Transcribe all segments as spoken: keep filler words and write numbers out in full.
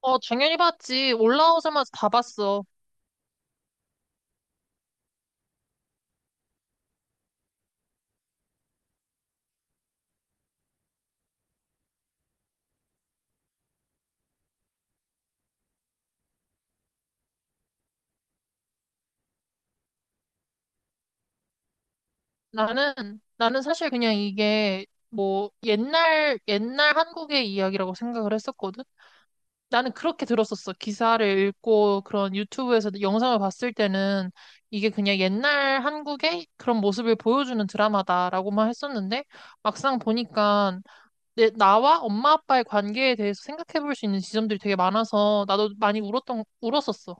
어, 당연히 봤지. 올라오자마자 다 봤어. 나는, 나는 사실 그냥 이게 뭐 옛날, 옛날 한국의 이야기라고 생각을 했었거든? 나는 그렇게 들었었어. 기사를 읽고 그런 유튜브에서 영상을 봤을 때는 이게 그냥 옛날 한국의 그런 모습을 보여주는 드라마다라고만 했었는데 막상 보니까 내, 나와 엄마 아빠의 관계에 대해서 생각해 볼 수 있는 지점들이 되게 많아서 나도 많이 울었던, 울었었어.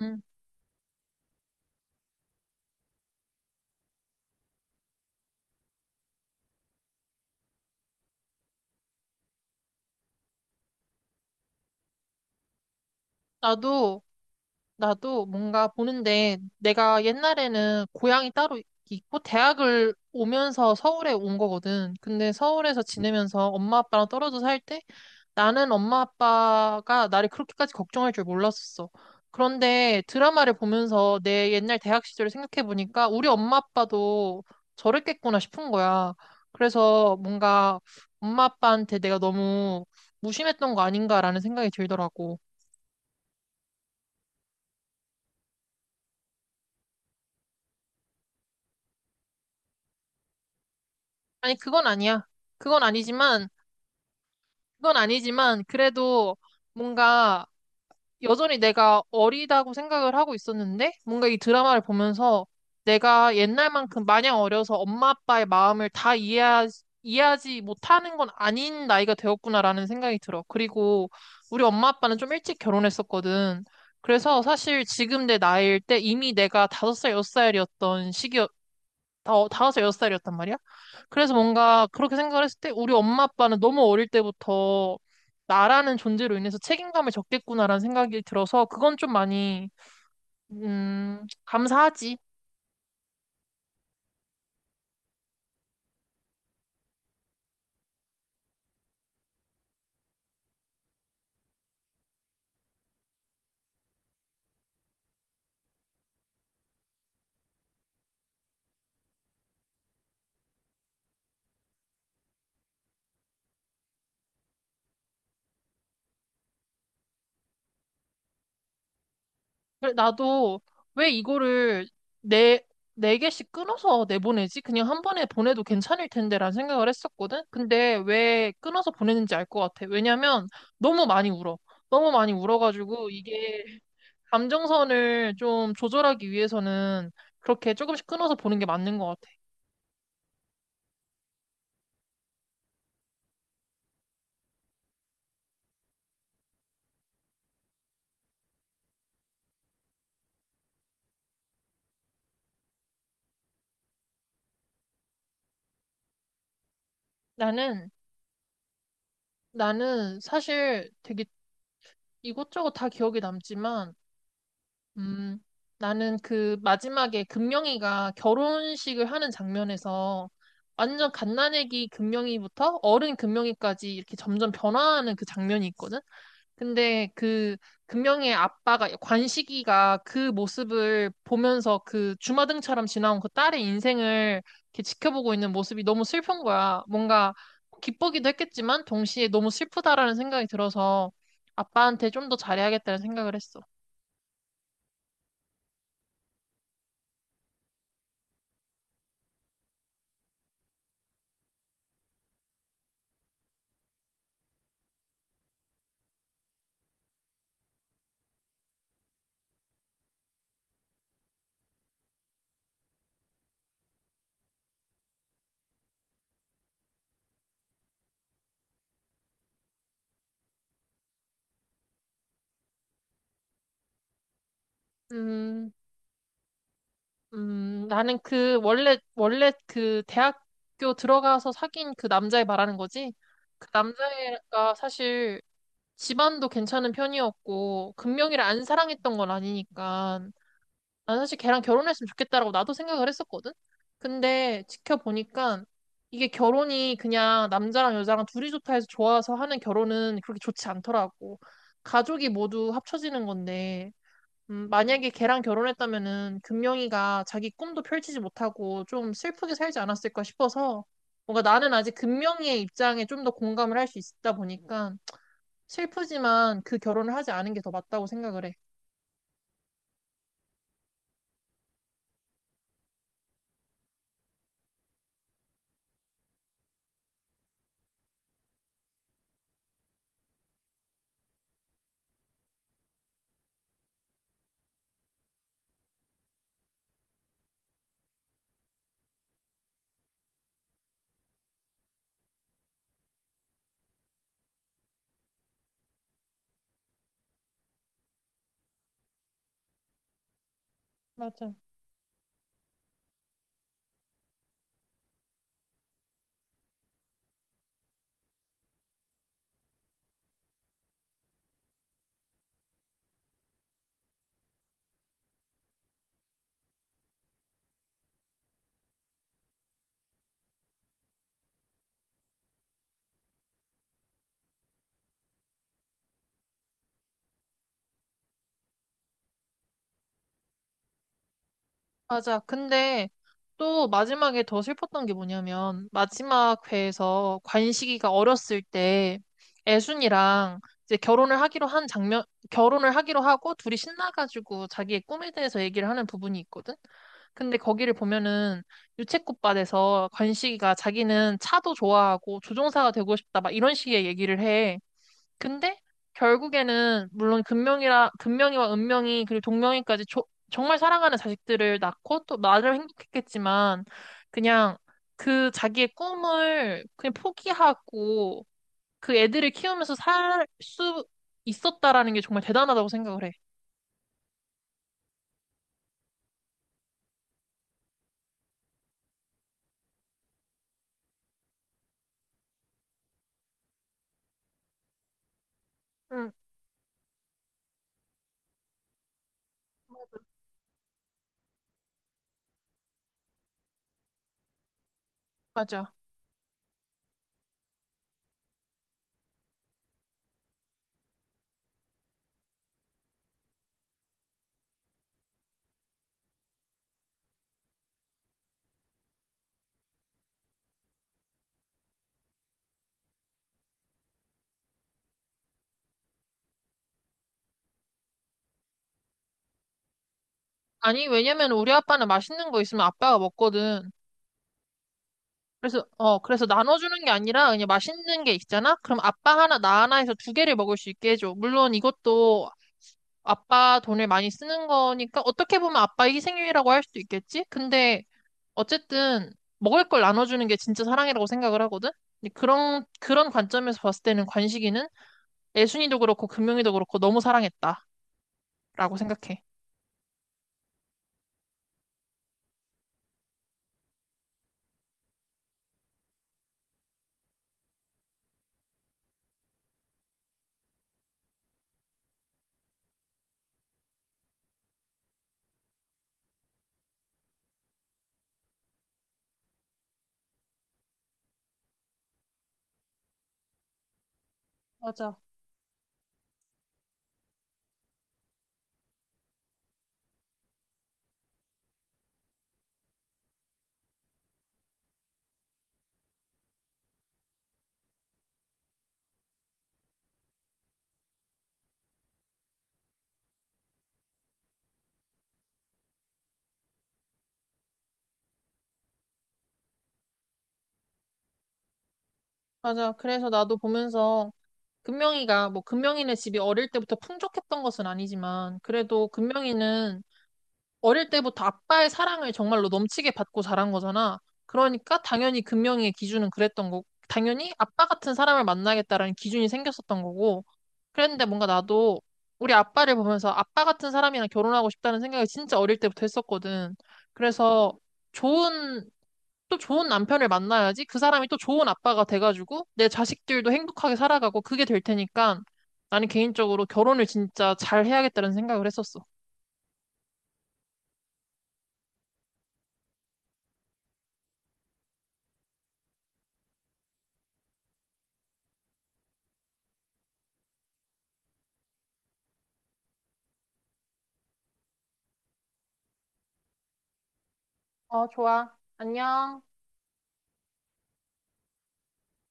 음. 나도 나도 뭔가 보는데 내가 옛날에는 고향이 따로 있고 대학을 오면서 서울에 온 거거든. 근데 서울에서 지내면서 엄마 아빠랑 떨어져 살 때 나는 엄마 아빠가 나를 그렇게까지 걱정할 줄 몰랐었어. 그런데 드라마를 보면서 내 옛날 대학 시절을 생각해 보니까 우리 엄마 아빠도 저랬겠구나 싶은 거야. 그래서 뭔가 엄마 아빠한테 내가 너무 무심했던 거 아닌가라는 생각이 들더라고. 아니, 그건 아니야. 그건 아니지만 그건 아니지만 그래도 뭔가 여전히 내가 어리다고 생각을 하고 있었는데 뭔가 이 드라마를 보면서 내가 옛날만큼 마냥 어려서 엄마 아빠의 마음을 다 이해하, 이해하지 못하는 건 아닌 나이가 되었구나라는 생각이 들어. 그리고 우리 엄마 아빠는 좀 일찍 결혼했었거든. 그래서 사실 지금 내 나이일 때 이미 내가 다섯 살 여섯 살이었던 시기였, 어, 다섯 살 여섯 살이었단 말이야. 그래서 뭔가 그렇게 생각을 했을 때 우리 엄마 아빠는 너무 어릴 때부터 나라는 존재로 인해서 책임감을 졌겠구나라는 생각이 들어서 그건 좀 많이 음, 감사하지. 그래, 나도 왜 이거를 네, 네 개씩 끊어서 내보내지? 그냥 한 번에 보내도 괜찮을 텐데라는 생각을 했었거든? 근데 왜 끊어서 보내는지 알 것 같아. 왜냐면 너무 많이 울어. 너무 많이 울어가지고 이게 감정선을 좀 조절하기 위해서는 그렇게 조금씩 끊어서 보는 게 맞는 것 같아. 나는, 나는 사실 되게 이것저것 다 기억에 남지만 음, 나는 그 마지막에 금명이가 결혼식을 하는 장면에서 완전 갓난아기 금명이부터 어른 금명이까지 이렇게 점점 변화하는 그 장면이 있거든? 근데 그 금명이의 아빠가, 관식이가 그 모습을 보면서 그 주마등처럼 지나온 그 딸의 인생을 이렇게 지켜보고 있는 모습이 너무 슬픈 거야. 뭔가 기쁘기도 했겠지만 동시에 너무 슬프다라는 생각이 들어서 아빠한테 좀 더 잘해야겠다는 생각을 했어. 음. 음, 나는 그, 원래, 원래 그 대학교 들어가서 사귄 그 남자애 말하는 거지? 그 남자애가 사실 집안도 괜찮은 편이었고, 금명이를 안 사랑했던 건 아니니까, 난 사실 걔랑 결혼했으면 좋겠다라고 나도 생각을 했었거든? 근데 지켜보니까, 이게 결혼이 그냥 남자랑 여자랑 둘이 좋다 해서 좋아서 하는 결혼은 그렇게 좋지 않더라고. 가족이 모두 합쳐지는 건데, 음, 만약에 걔랑 결혼했다면은 금명이가 자기 꿈도 펼치지 못하고 좀 슬프게 살지 않았을까 싶어서 뭔가 나는 아직 금명이의 입장에 좀 더 공감을 할 수 있다 보니까 슬프지만 그 결혼을 하지 않은 게 더 맞다고 생각을 해. 맞아. 맞아. 근데 또 마지막에 더 슬펐던 게 뭐냐면 마지막 회에서 관식이가 어렸을 때 애순이랑 이제 결혼을 하기로 한 장면, 결혼을 하기로 하고 둘이 신나가지고 자기의 꿈에 대해서 얘기를 하는 부분이 있거든. 근데 거기를 보면은 유채꽃밭에서 관식이가 자기는 차도 좋아하고 조종사가 되고 싶다 막 이런 식의 얘기를 해. 근데 결국에는 물론 금명이라 금명이와 은명이 그리고 동명이까지 조- 정말 사랑하는 자식들을 낳고 또 나름 행복했겠지만 그냥 그 자기의 꿈을 그냥 포기하고 그 애들을 키우면서 살 수 있었다라는 게 정말 대단하다고 생각을 해. 응, 맞아. 아니, 왜냐면 우리 아빠는 맛있는 거 있으면 아빠가 먹거든. 그래서, 어, 그래서 나눠주는 게 아니라 그냥 맛있는 게 있잖아? 그럼 아빠 하나, 나 하나 해서 두 개를 먹을 수 있게 해줘. 물론 이것도 아빠 돈을 많이 쓰는 거니까 어떻게 보면 아빠 희생이라고 할 수도 있겠지? 근데 어쨌든 먹을 걸 나눠주는 게 진짜 사랑이라고 생각을 하거든? 근데 그런, 그런 관점에서 봤을 때는 관식이는 애순이도 그렇고 금용이도 그렇고 너무 사랑했다라고 생각해. 맞아. 맞아. 그래서 나도 보면서 금명이가 뭐 금명이네 집이 어릴 때부터 풍족했던 것은 아니지만 그래도 금명이는 어릴 때부터 아빠의 사랑을 정말로 넘치게 받고 자란 거잖아. 그러니까 당연히 금명이의 기준은 그랬던 거고 당연히 아빠 같은 사람을 만나겠다라는 기준이 생겼었던 거고 그랬는데 뭔가 나도 우리 아빠를 보면서 아빠 같은 사람이랑 결혼하고 싶다는 생각을 진짜 어릴 때부터 했었거든. 그래서 좋은 또 좋은 남편을 만나야지 그 사람이 또 좋은 아빠가 돼가지고 내 자식들도 행복하게 살아가고 그게 될 테니까 나는 개인적으로 결혼을 진짜 잘 해야겠다는 생각을 했었어. 어, 좋아. 안녕.